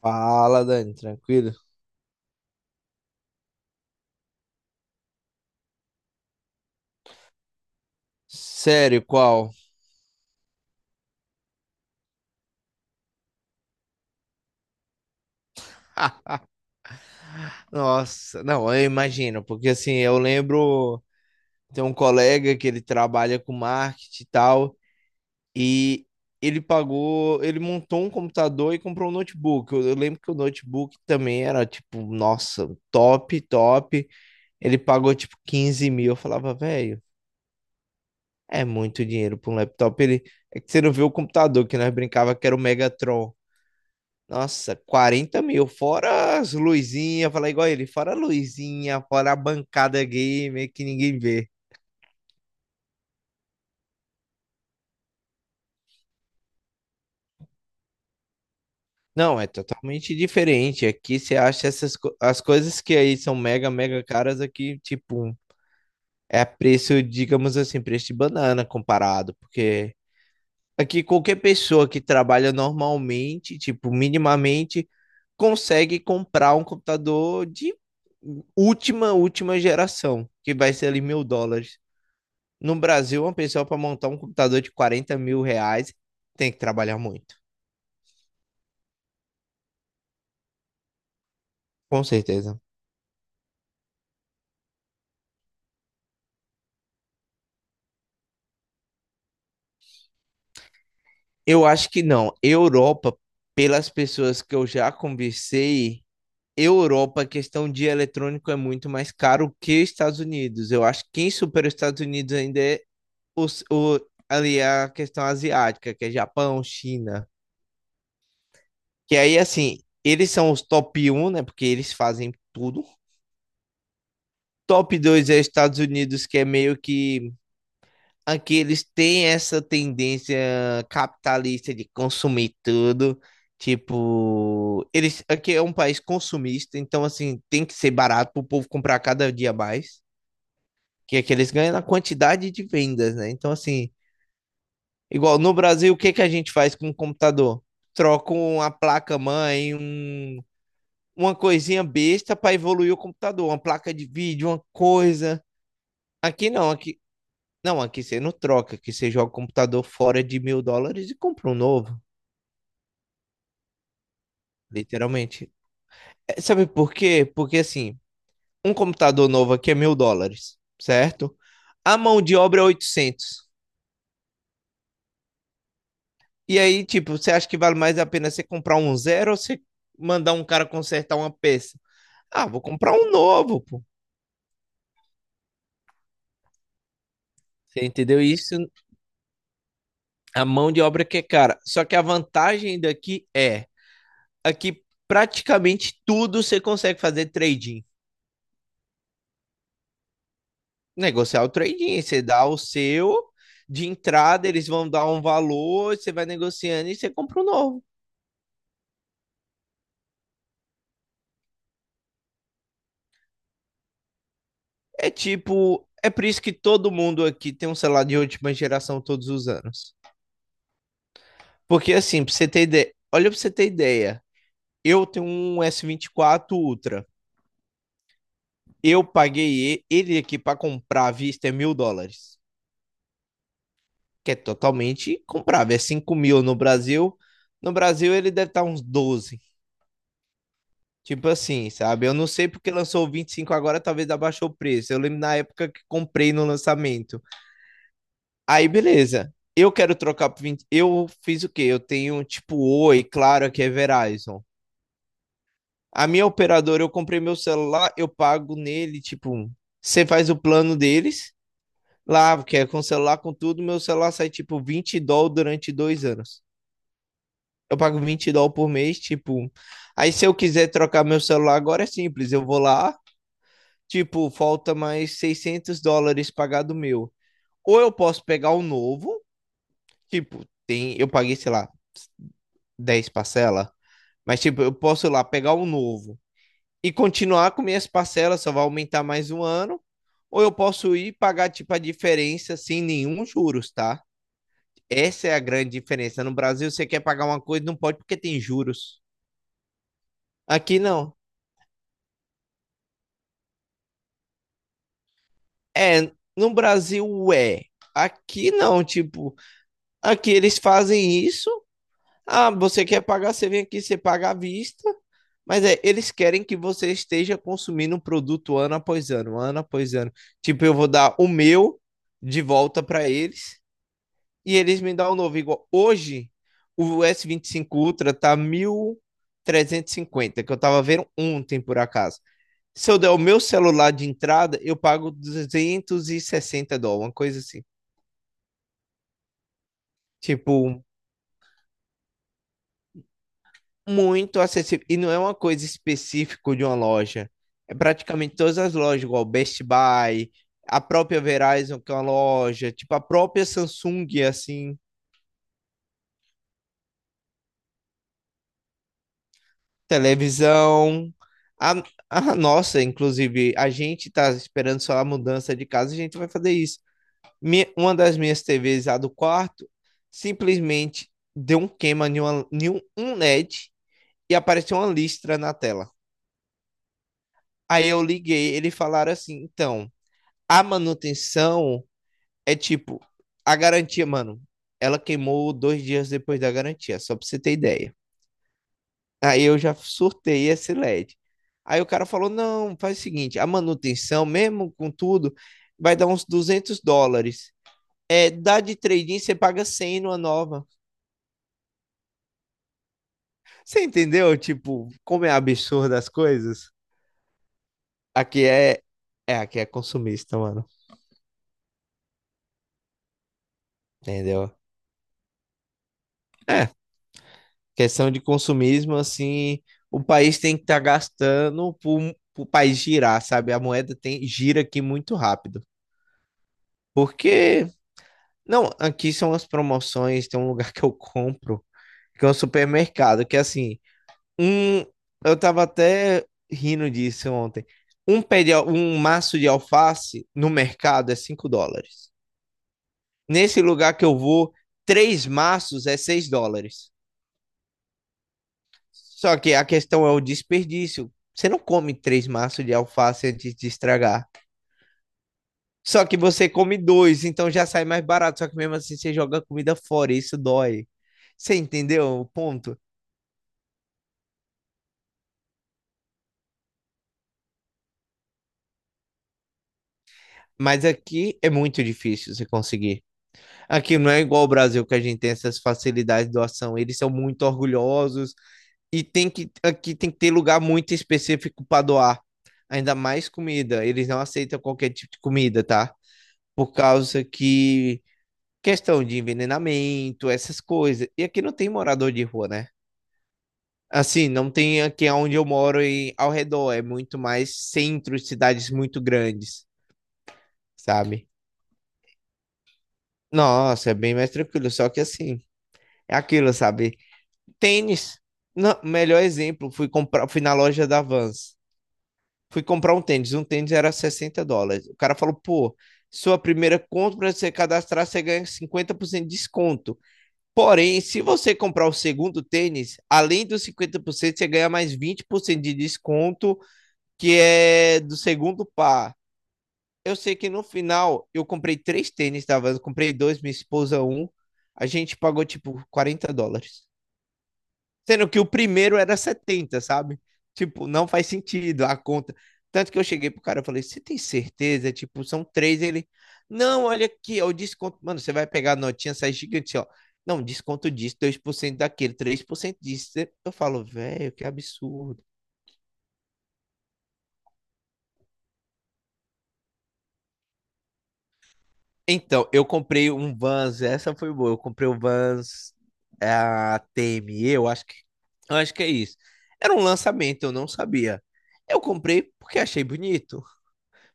Fala, Dani, tranquilo? Sério, qual? Ah, nossa, não, eu imagino, porque assim, eu lembro, tem um colega que ele trabalha com marketing e tal, e ele pagou, ele montou um computador e comprou um notebook. Eu lembro que o notebook também era, tipo, nossa, top, top. Ele pagou, tipo, 15 mil. Eu falava, velho, é muito dinheiro para um laptop. Ele, é que você não viu o computador que nós brincava que era o Megatron. Nossa, 40 mil, fora as luzinhas, falar igual ele, fora a luzinha, fora a bancada gamer que ninguém vê. Não, é totalmente diferente. Aqui você acha as coisas que aí são mega, mega caras aqui, tipo, é preço, digamos assim, preço de banana comparado, porque aqui qualquer pessoa que trabalha normalmente, tipo, minimamente, consegue comprar um computador de última, última geração, que vai ser ali mil dólares. No Brasil, uma pessoa para montar um computador de 40 mil reais tem que trabalhar muito. Com certeza. Eu acho que não. Europa, pelas pessoas que eu já conversei, Europa, a questão de eletrônico é muito mais caro que Estados Unidos. Eu acho que quem supera os Estados Unidos ainda é os, o, ali é a questão asiática, que é Japão, China. Que aí, assim, eles são os top um, né? Porque eles fazem tudo. Top 2 é Estados Unidos, que é meio que aqui eles têm essa tendência capitalista de consumir tudo. Tipo, eles aqui é um país consumista, então assim, tem que ser barato para o povo comprar cada dia mais, que é que eles ganham na quantidade de vendas, né? Então assim, igual no Brasil, o que que a gente faz com o computador? Troca uma placa mãe, um, uma coisinha besta para evoluir o computador, uma placa de vídeo, uma coisa. Aqui não, aqui Não, aqui você não troca, aqui você joga o computador fora de mil dólares e compra um novo, literalmente. É, sabe por quê? Porque assim, um computador novo aqui é mil dólares, certo? A mão de obra é 800. E aí, tipo, você acha que vale mais a pena você comprar um zero ou você mandar um cara consertar uma peça? Ah, vou comprar um novo, pô. Você entendeu isso? A mão de obra que é cara. Só que a vantagem daqui é, aqui praticamente tudo você consegue fazer trading. Negociar o trading, você dá o seu de entrada, eles vão dar um valor, você vai negociando e você compra um novo. É tipo, é por isso que todo mundo aqui tem um celular de última geração todos os anos. Porque assim, pra você ter ideia, olha pra você ter ideia, eu tenho um S24 Ultra. Eu paguei ele aqui pra comprar à vista é mil dólares, que é totalmente comprável, é 5 mil no Brasil. No Brasil ele deve estar uns 12. Tipo assim, sabe? Eu não sei porque lançou o 25 agora, talvez abaixou o preço. Eu lembro na época que comprei no lançamento. Aí, beleza. Eu quero trocar pro 20. Eu fiz o quê? Eu tenho tipo Oi, Claro, aqui é Verizon. A minha operadora, eu comprei meu celular, eu pago nele, tipo, você faz o plano deles lá, que é com celular, com tudo. Meu celular sai tipo 20 dólares durante 2 anos. Eu pago 20 dólares por mês, tipo. Aí se eu quiser trocar meu celular agora é simples. Eu vou lá, tipo, falta mais 600 dólares pagado meu. Ou eu posso pegar o novo, tipo, tem, eu paguei, sei lá, 10 parcelas, mas tipo, eu posso ir lá pegar o novo e continuar com minhas parcelas, só vai aumentar mais um ano, ou eu posso ir pagar tipo a diferença sem nenhum juros, tá? Essa é a grande diferença. No Brasil você quer pagar uma coisa, não pode porque tem juros. Aqui não. É, no Brasil é. Aqui não, tipo, aqui eles fazem isso. Ah, você quer pagar, você vem aqui, você paga à vista. Mas é, eles querem que você esteja consumindo um produto ano após ano, ano após ano. Tipo, eu vou dar o meu de volta para eles e eles me dão o novo. Igual hoje, o S25 Ultra tá 1.350 que eu tava vendo ontem por acaso. Se eu der o meu celular de entrada, eu pago 260 dólares, uma coisa assim. Tipo, muito acessível. E não é uma coisa específica de uma loja. É praticamente todas as lojas, igual Best Buy, a própria Verizon, que é uma loja, tipo a própria Samsung, assim, televisão. A, a nossa, inclusive, a gente tá esperando só a mudança de casa, a gente vai fazer isso. Minha- uma das minhas TVs, a do quarto, simplesmente deu um queima em, uma, em um LED e D e apareceu uma listra na tela. Aí eu liguei, eles falaram assim, então a manutenção é tipo, a garantia, mano, ela queimou 2 dias depois da garantia, só pra você ter ideia. Aí eu já surtei esse LED. Aí o cara falou: não, faz o seguinte, a manutenção, mesmo com tudo, vai dar uns 200 dólares. É, dá de trading, você paga 100 numa nova. Você entendeu, tipo, como é absurdo as coisas? Aqui é, aqui é consumista, mano. Entendeu? É, questão de consumismo, assim, o país tem que estar gastando para o país girar, sabe? A moeda tem, gira aqui muito rápido. Porque, não, aqui são as promoções, tem um lugar que eu compro, que é um supermercado, que assim, um, eu tava até rindo disso ontem. Um pé de, um maço de alface no mercado é 5 dólares. Nesse lugar que eu vou, três maços é 6 dólares. Só que a questão é o desperdício. Você não come três maços de alface antes de estragar. Só que você come dois, então já sai mais barato. Só que mesmo assim você joga a comida fora, e isso dói. Você entendeu o ponto? Mas aqui é muito difícil você conseguir. Aqui não é igual ao Brasil que a gente tem essas facilidades de doação. Eles são muito orgulhosos e tem que aqui tem que ter lugar muito específico para doar. Ainda mais comida. Eles não aceitam qualquer tipo de comida, tá? Por causa que questão de envenenamento, essas coisas. E aqui não tem morador de rua, né? Assim, não tem aqui onde eu moro e ao redor, é muito mais centro, cidades muito grandes, sabe? Nossa, é bem mais tranquilo, só que assim, é aquilo, sabe? Tênis. Não, melhor exemplo, fui comprar, fui na loja da Vans. Fui comprar um tênis era 60 dólares. O cara falou, pô, sua primeira compra, você cadastrar, você ganha 50% de desconto. Porém, se você comprar o segundo tênis, além dos 50%, você ganha mais 20% de desconto, que é do segundo par. Eu sei que no final eu comprei três tênis, tá? Eu comprei dois, minha esposa um. A gente pagou tipo 40 dólares. Sendo que o primeiro era 70, sabe? Tipo, não faz sentido a conta. Tanto que eu cheguei pro cara e falei, você tem certeza? Tipo, são três. Ele, não, olha aqui, ó, o desconto. Mano, você vai pegar a notinha, sai gigante, ó. Não, desconto disso, 2% daquele, 3% disso. Eu falo, velho, que absurdo. Então, eu comprei um Vans, essa foi boa. Eu comprei o Vans é, a TME, eu acho que é isso. Era um lançamento, eu não sabia. Eu comprei porque achei bonito.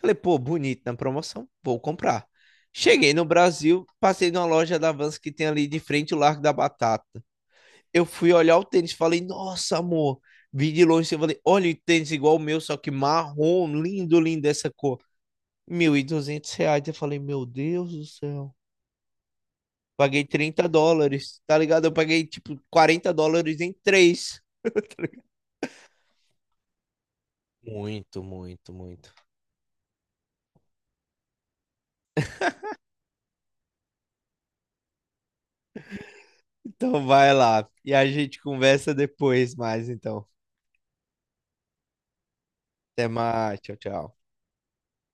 Falei, pô, bonito na promoção, vou comprar. Cheguei no Brasil, passei numa loja da Vans que tem ali de frente o Largo da Batata. Eu fui olhar o tênis, falei, nossa, amor. Vi de longe, eu falei, olha o tênis igual o meu, só que marrom, lindo, lindo essa cor. 1.200 reais. Eu falei, meu Deus do céu. Paguei 30 dólares, tá ligado? Eu paguei, tipo, 40 dólares em três. Muito, muito, muito. Então vai lá. E a gente conversa depois mais, então. Até mais. Tchau, tchau.